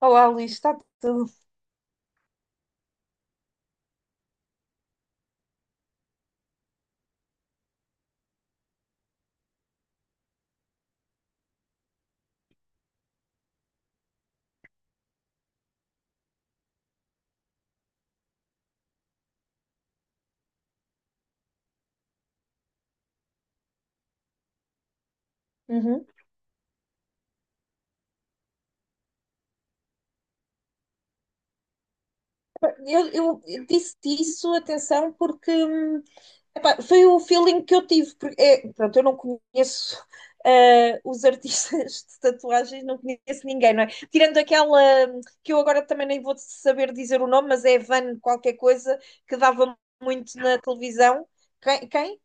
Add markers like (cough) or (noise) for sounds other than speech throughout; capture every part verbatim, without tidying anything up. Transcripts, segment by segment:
Olá, Luís, está tudo. Uhum. Eu, eu disse-te isso, atenção, porque hum, epá, foi o feeling que eu tive. Porque, é, pronto, eu não conheço eh, os artistas de tatuagens, não conheço ninguém, não é? Tirando aquela hum, que eu agora também nem vou saber dizer o nome, mas é Van qualquer coisa, que dava muito na televisão. Quem? Quem?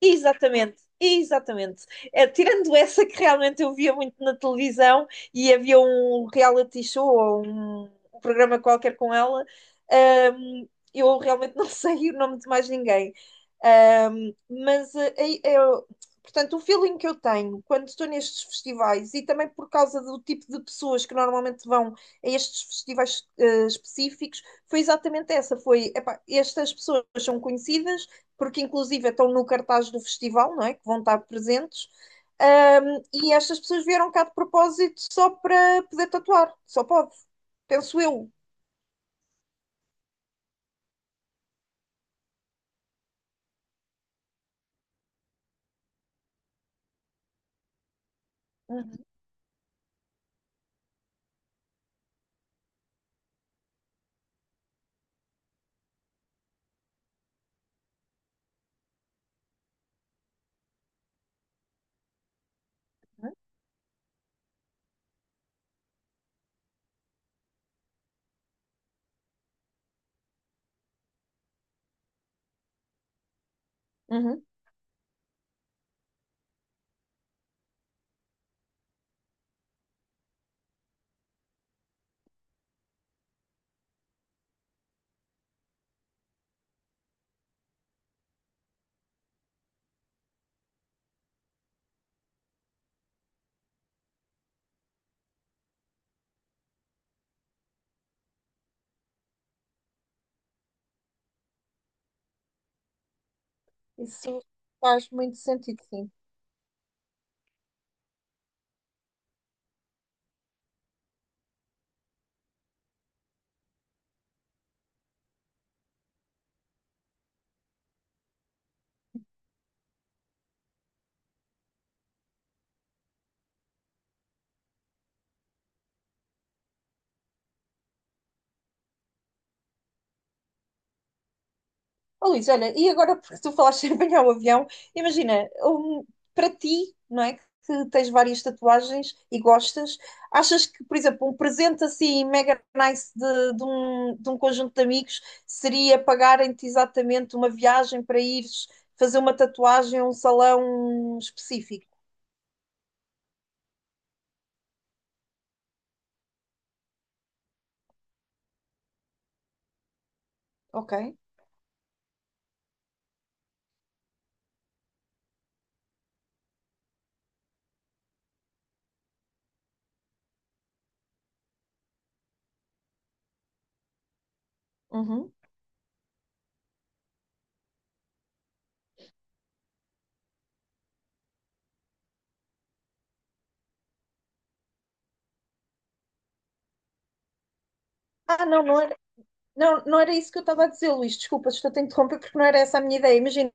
Exatamente, exatamente. Eh, tirando essa que realmente eu via muito na televisão e havia um reality show ou um, um programa qualquer com ela, ahm, eu realmente não (laughs) sei o nome de mais ninguém. Ahm, mas, eh, eh, eu- Portanto, o feeling que eu tenho quando estou nestes festivais e também por causa do tipo de pessoas que normalmente vão a estes festivais, eh, específicos, foi exatamente essa. Foi, epá, estas pessoas são conhecidas porque inclusive estão no cartaz do festival, não é? Que vão estar presentes. Um, e estas pessoas vieram cá de propósito só para poder tatuar, só pode, penso eu. Uhum. Uhum. Isso faz muito sentido, sim. Oh, Luís, olha, e agora porque tu falaste (laughs) em apanhar o avião, imagina, um, para ti, não é? Que tens várias tatuagens e gostas, achas que, por exemplo, um presente assim mega nice de, de um, de um conjunto de amigos seria pagarem-te exatamente uma viagem para ires fazer uma tatuagem a um salão específico? Ok. Uhum. Ah, não, não. Não, não era isso que eu estava a dizer, Luís. Desculpa, estou-te a interromper porque não era essa a minha ideia. Imagina,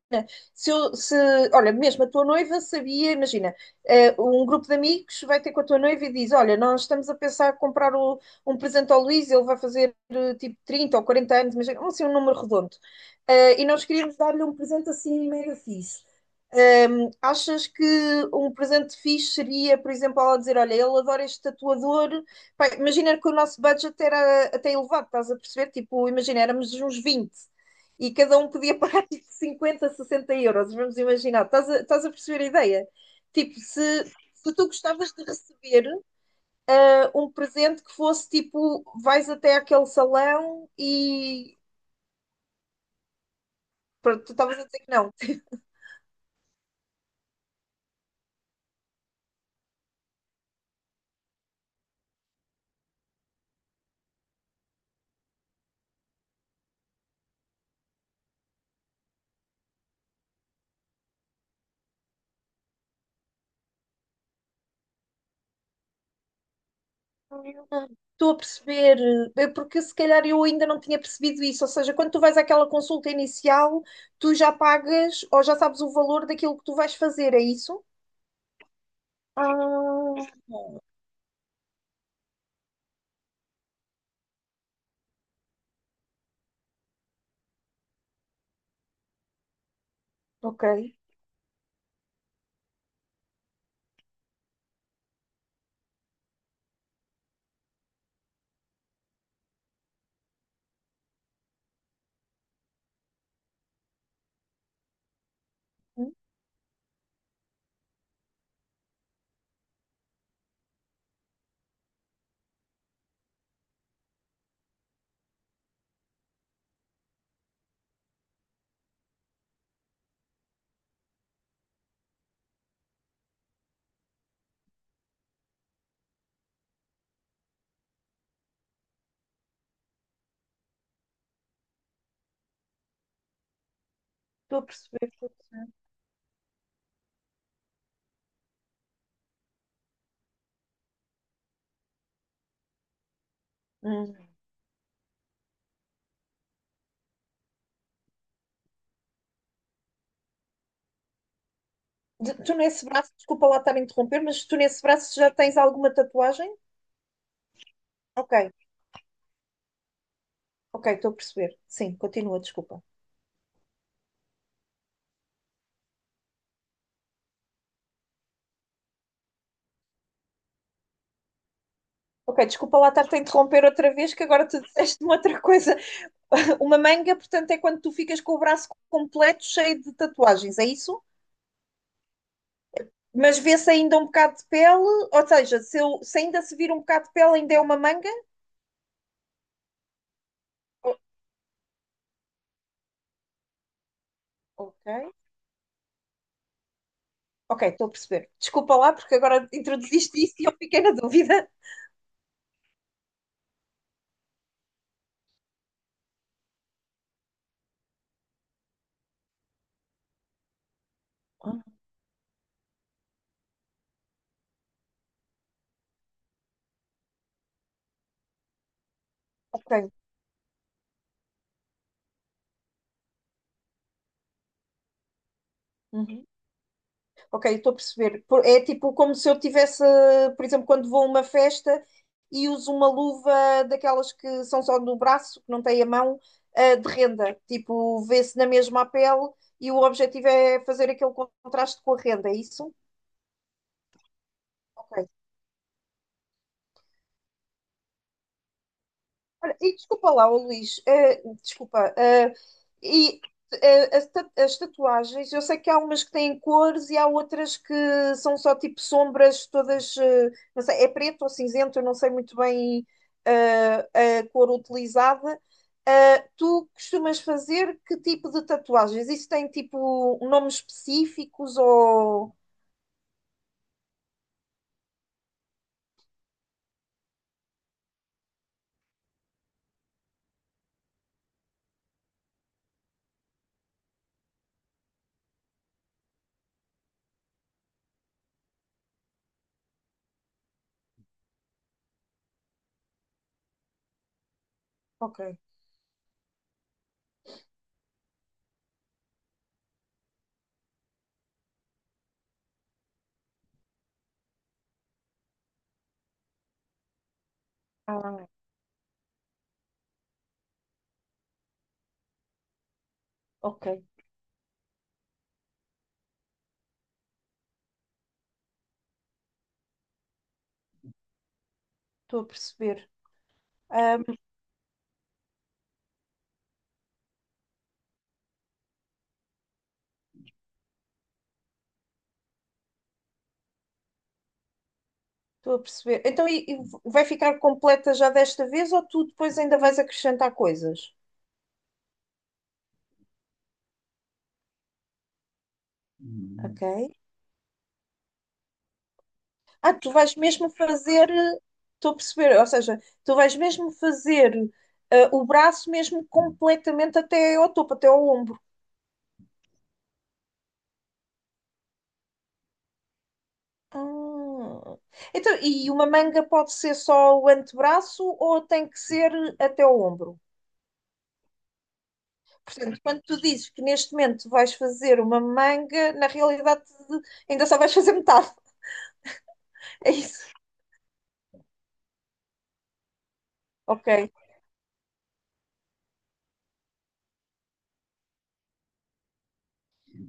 se eu, se, olha, mesmo a tua noiva sabia, imagina, eh, um grupo de amigos vai ter com a tua noiva e diz: Olha, nós estamos a pensar em comprar o- um presente ao Luís, ele vai fazer eh, tipo trinta ou quarenta anos, imagina, assim, um número redondo. Eh, e nós queríamos dar-lhe um presente assim mega fixe. Hum, achas que um presente fixe seria, por exemplo, ela dizer: Olha, ele adora este tatuador. Pá, imagina que o nosso budget era até elevado, estás a perceber? Tipo, imagina, éramos uns vinte e cada um podia pagar (laughs) tipo cinquenta, sessenta euros. Vamos imaginar, estás a, estás a perceber a ideia? Tipo, se, se tu gostavas de receber uh, um presente que fosse tipo: vais até aquele salão e. Pronto, tu estavas a dizer que não. Estou a perceber, eh, porque se calhar eu ainda não tinha percebido isso. Ou seja, quando tu vais àquela consulta inicial, tu já pagas ou já sabes o valor daquilo que tu vais fazer, é isso? Ah, ok. Hum, Estou a perceber. Hum. De- Tu nesse braço, desculpa lá estar a interromper, mas tu nesse braço já tens alguma tatuagem? Ok, ok, estou a perceber. Sim, continua, desculpa. Ok, desculpa lá estar-te a interromper outra vez, que agora tu disseste-me outra coisa. (laughs) Uma manga, portanto, é quando tu ficas com o braço completo cheio de tatuagens, é isso? Mas vê-se ainda um bocado de pele, ou seja, se, eu- se ainda se vir um bocado de pele, ainda é uma manga? O- Ok. Ok, estou a perceber. Desculpa lá, porque agora introduziste isso e eu fiquei na dúvida. Ah, ok. Uhum. Ok, estou a perceber. Por- É tipo como se eu tivesse, por exemplo, quando vou a uma festa e uso uma luva daquelas que são só no braço, que não tem a mão, eh, de renda. Tipo, vê-se na mesma a pele e o objetivo é fazer aquele contraste com a renda, é isso? Ok. Olha, e desculpa lá, ô Luís, eh, desculpa. eh, e eh, as, ta- as tatuagens, eu sei que há umas que têm cores e há outras que são só tipo sombras, todas, eh, não sei, é preto ou cinzento, eu não sei muito bem eh, a cor utilizada. Eh, tu costumas fazer que tipo de tatuagens? Isso tem tipo nomes específicos ou. Ok, ah, ok, estou a perceber. Estou a perceber. Então, e- e vai ficar completa já desta vez ou tu depois ainda vais acrescentar coisas? Ok. Ah, tu vais mesmo fazer. eh, Estou a perceber. Ou seja, tu vais mesmo fazer eh, o braço mesmo completamente até ao topo, até ao ombro. Ah. Então, e uma manga pode ser só o antebraço ou tem que ser até ao ombro? Portanto, quando tu dizes que neste momento vais fazer uma manga, na realidade ainda só vais fazer metade. (laughs) É isso. Ok.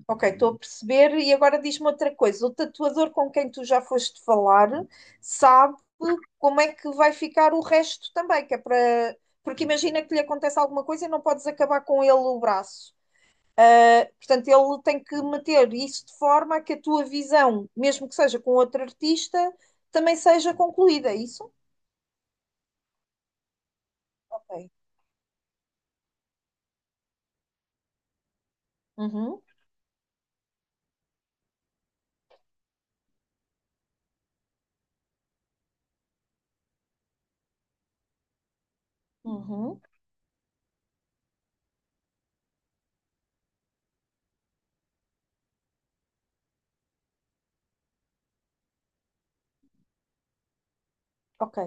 Ok, estou a perceber. E agora diz-me outra coisa: o tatuador com quem tu já foste falar sabe como é que vai ficar o resto também, que é para. Porque imagina que lhe acontece alguma coisa e não podes acabar com ele o braço. Ah, portanto, ele tem que meter isso de forma a que a tua visão, mesmo que seja com outro artista, também seja concluída, é isso? Ok. Uhum, uhum. Ok.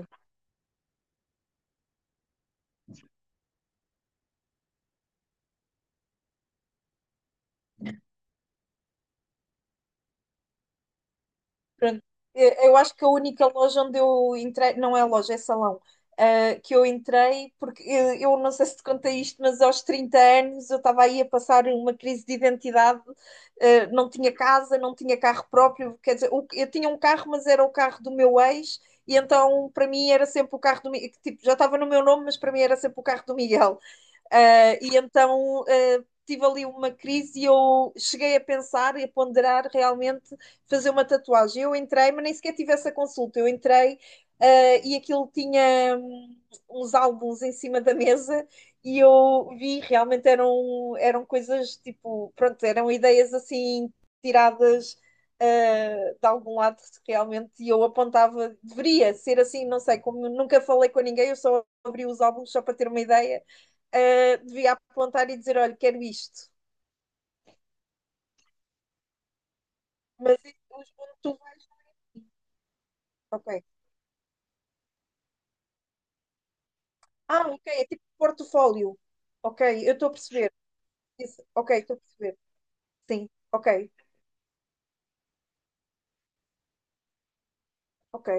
Pronto. Eh, Eu acho que a única loja onde eu entrei, não é loja, é salão, ah, que eu entrei, porque eh, eu, não sei se te contei isto, mas aos trinta anos eu estava aí a passar uma crise de identidade, ah, não tinha casa, não tinha carro próprio, quer dizer, o- eu tinha um carro, mas era o carro do meu ex, e então para mim era sempre o carro do, Mi- tipo, já estava no meu nome, mas para mim era sempre o carro do Miguel. Uh, e então uh, tive ali uma crise e eu cheguei a pensar e a ponderar realmente fazer uma tatuagem. Eu entrei, mas nem sequer tive essa consulta. Eu entrei uh, e aquilo tinha hum, uns álbuns em cima da mesa e eu vi realmente eram, eram coisas tipo, pronto, eram ideias assim tiradas. Uh, de algum lado realmente e eu apontava, deveria ser assim, não sei, como nunca falei com ninguém, eu só abri os álbuns só para ter uma ideia uh, devia apontar e dizer: olha, quero isto. Mas onde tu vais? Ok. Ah, ok, é tipo portfólio. Ok, eu estou a perceber. Isso, ok, estou a perceber. Sim, ok, ok.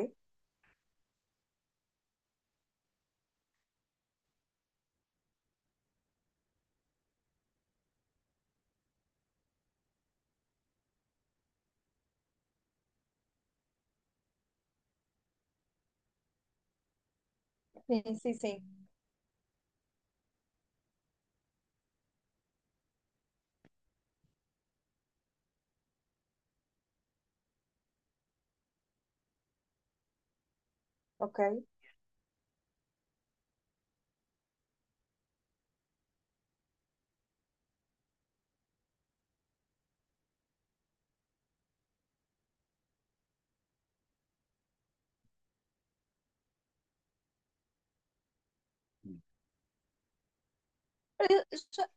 Sim, sim, sim. Ok. Já,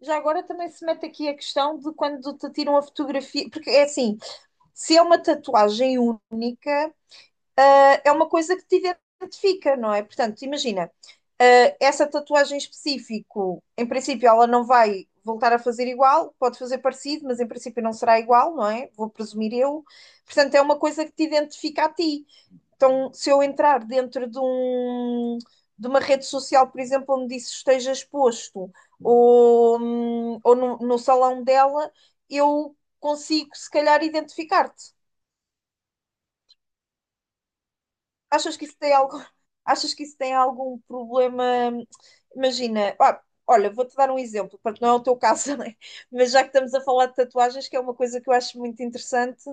já agora também se mete aqui a questão de quando te tiram a fotografia, porque é assim, se é uma tatuagem única, uh, é uma coisa que te identifica, não é? Portanto, imagina, uh, essa tatuagem em específico, em princípio, ela não vai voltar a fazer igual, pode fazer parecido, mas em princípio não será igual, não é? Vou presumir eu. Portanto, é uma coisa que te identifica a ti. Então, se eu entrar dentro de um de uma rede social, por exemplo, onde isso esteja exposto, ou, hum, ou no, no salão dela, eu consigo, se calhar, identificar-te. Achas que isso tem algo, (laughs) achas que isso tem algum problema? Imagina, ah, olha, vou-te dar um exemplo, porque não é o teu caso, (laughs) né? Mas já que estamos a falar de tatuagens, que é uma coisa que eu acho muito interessante,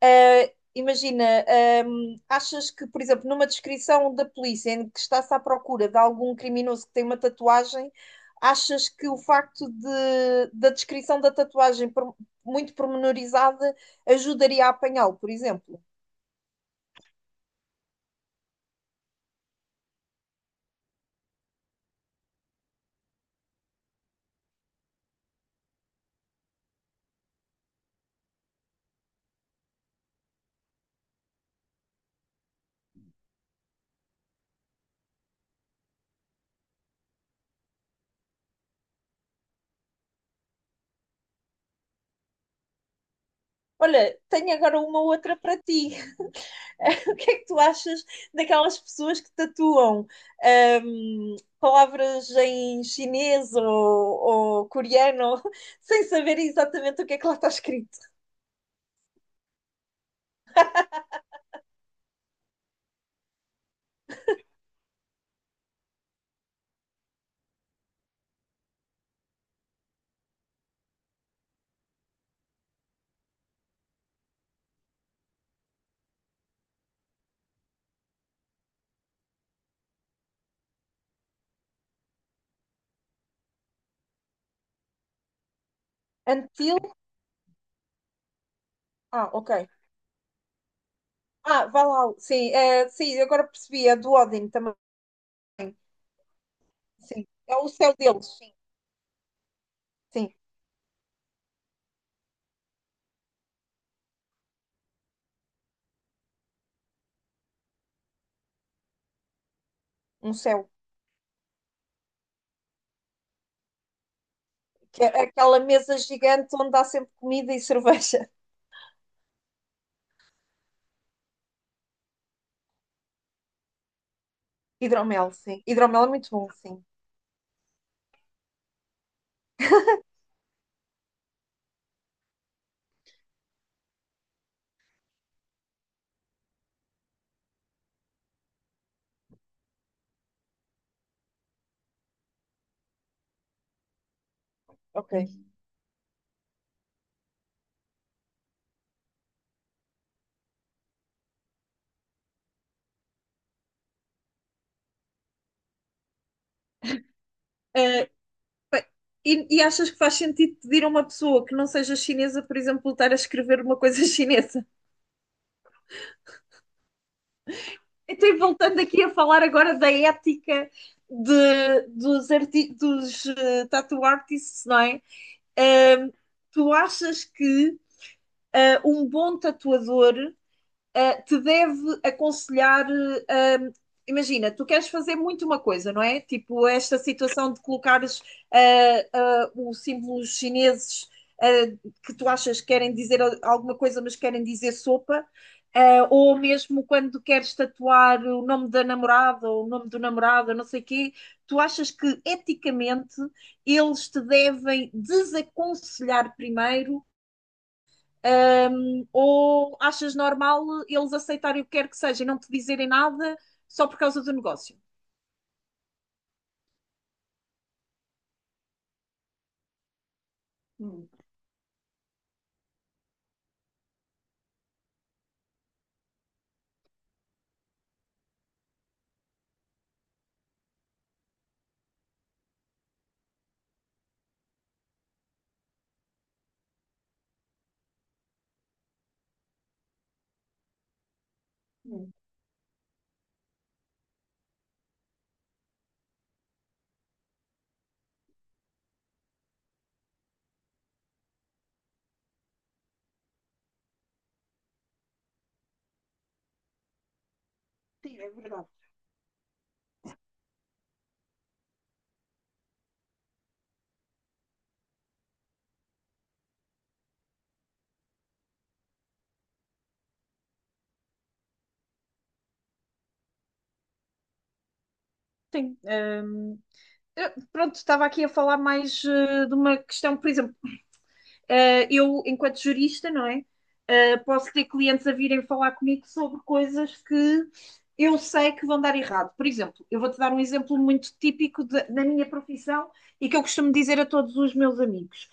eh, imagina, ehm, achas que, por exemplo, numa descrição da polícia em que está-se à procura de algum criminoso que tem uma tatuagem, achas que o facto de, da descrição da tatuagem por- muito pormenorizada ajudaria a apanhá-lo, por exemplo? Olha, tenho agora uma outra para ti. (laughs) O que é que tu achas daquelas pessoas que tatuam hum, palavras em chinês ou, ou coreano (laughs) sem saber exatamente o que é que lá está escrito? Until? Ah, ok. Ah, vai lá. Sim, é, sim, agora percebi. É do Odin também. Sim. É o céu deles. Sim, sim, um céu. Que é aquela mesa gigante onde há sempre comida e (laughs) cerveja. Hidromel, sim. Hidromel é muito bom, sim. Ok. Ah, bem, e, e achas que faz sentido pedir a uma pessoa que não seja chinesa, por exemplo, estar a escrever uma coisa (laughs) chinesa? Então, e voltando aqui a falar agora da ética de- dos, arti- dos eh, tattoo artists, não é? Ah, tu achas que ah, um bom tatuador eh, te deve aconselhar. eh, um, Imagina, tu queres fazer muito uma coisa, não é? Tipo, esta situação de colocares eh, eh, os símbolos chineses eh, que tu achas que querem dizer alguma coisa, mas querem dizer sopa. Eh, ou mesmo quando queres tatuar o nome da namorada ou o nome do namorado, não sei o quê, tu achas que eticamente eles te devem desaconselhar primeiro. Hum, ou achas normal eles aceitarem o que quer que seja e não te dizerem nada só por causa do negócio? Hum, hum. Sim. Hum, eu- pronto, estava aqui a falar mais eh, de uma questão, por exemplo. Uh, eu, enquanto jurista, não é? Uh, posso ter clientes a virem falar comigo sobre coisas que eu sei que vão dar errado. Por exemplo, eu vou-te dar um exemplo muito típico de- da minha profissão e que eu costumo dizer a todos os meus amigos.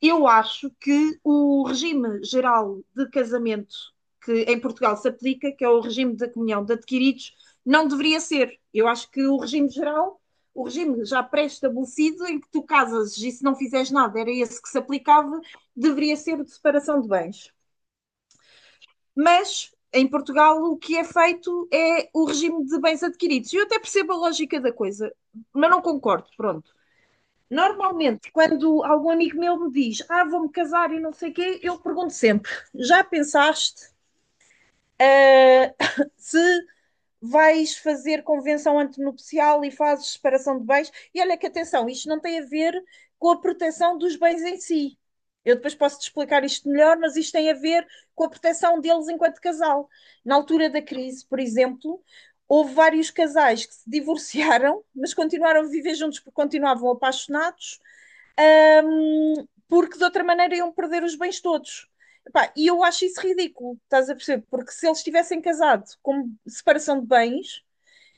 Eu acho que o regime geral de casamento que em Portugal se aplica, que é o regime da comunhão de adquiridos, não deveria ser. Eu acho que o regime geral, o regime já pré-estabelecido, em que tu casas e se não fizeres nada, era esse que se aplicava, deveria ser de separação de bens. Mas em Portugal o que é feito é o regime de bens adquiridos. E eu até percebo a lógica da coisa, mas não concordo, pronto. Normalmente, quando algum amigo meu me diz, ah, vou-me casar e não sei o quê, eu pergunto sempre, já pensaste se vais fazer convenção antenupcial e fazes separação de bens. E olha que atenção, isto não tem a ver com a proteção dos bens em si. Eu depois posso te explicar isto melhor, mas isto tem a ver com a proteção deles enquanto casal. Na altura da crise, por exemplo, houve vários casais que se divorciaram, mas continuaram a viver juntos porque continuavam apaixonados, hum, porque de outra maneira iam perder os bens todos. Epá, e eu acho isso ridículo, estás a perceber? Porque se eles tivessem casado com separação de bens,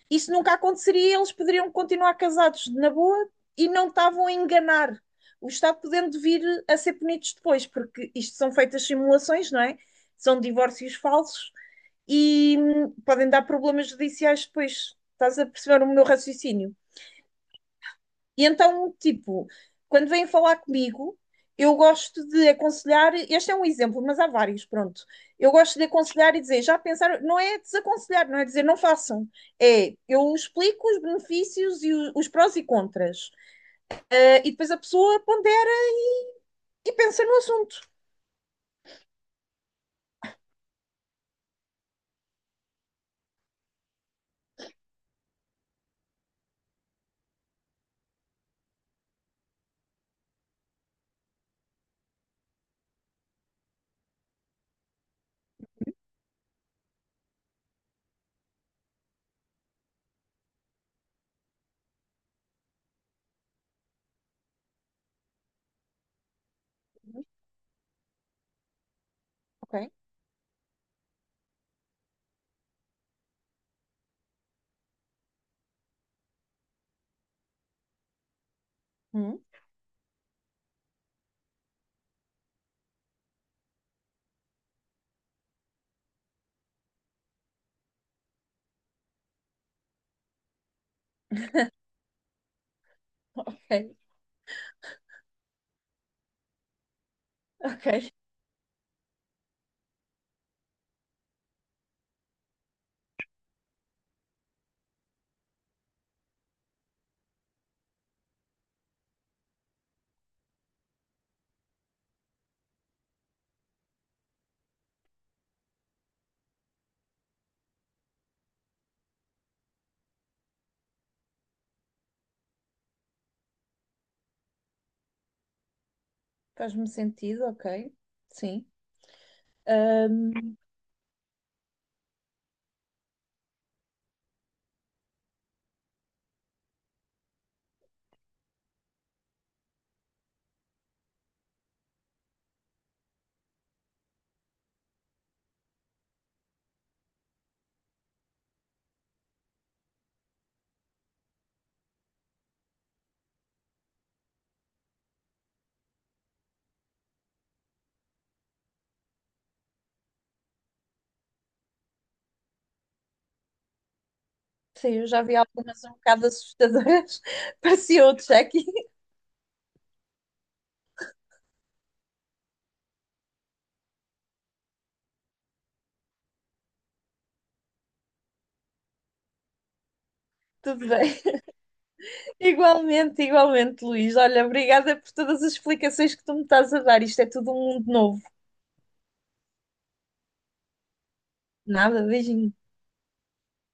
isso nunca aconteceria, eles poderiam continuar casados na boa e não estavam a enganar. O Estado podendo vir a ser punidos depois, porque isto são feitas simulações, não é? São divórcios falsos e hum, podem dar problemas judiciais depois. Estás a perceber o meu raciocínio? E então, tipo, quando vêm falar comigo, eu gosto de aconselhar. Este é um exemplo, mas há vários, pronto. Eu gosto de aconselhar e dizer, já pensaram, não é desaconselhar, não é dizer não façam. É, eu explico os benefícios e o- os prós e contras. Ah, e depois a pessoa pondera e pensa no assunto. Ok. Hum, ok. Ok. Faz-me sentido, ok. Sim. Sim, eu já vi algumas um bocado assustadoras. (laughs) Parecia outro check. (laughs) Tudo bem. Igualmente, igualmente, Luís. Olha, obrigada por todas as explicações que tu me estás a dar. Isto é tudo um mundo novo. Nada, beijinho.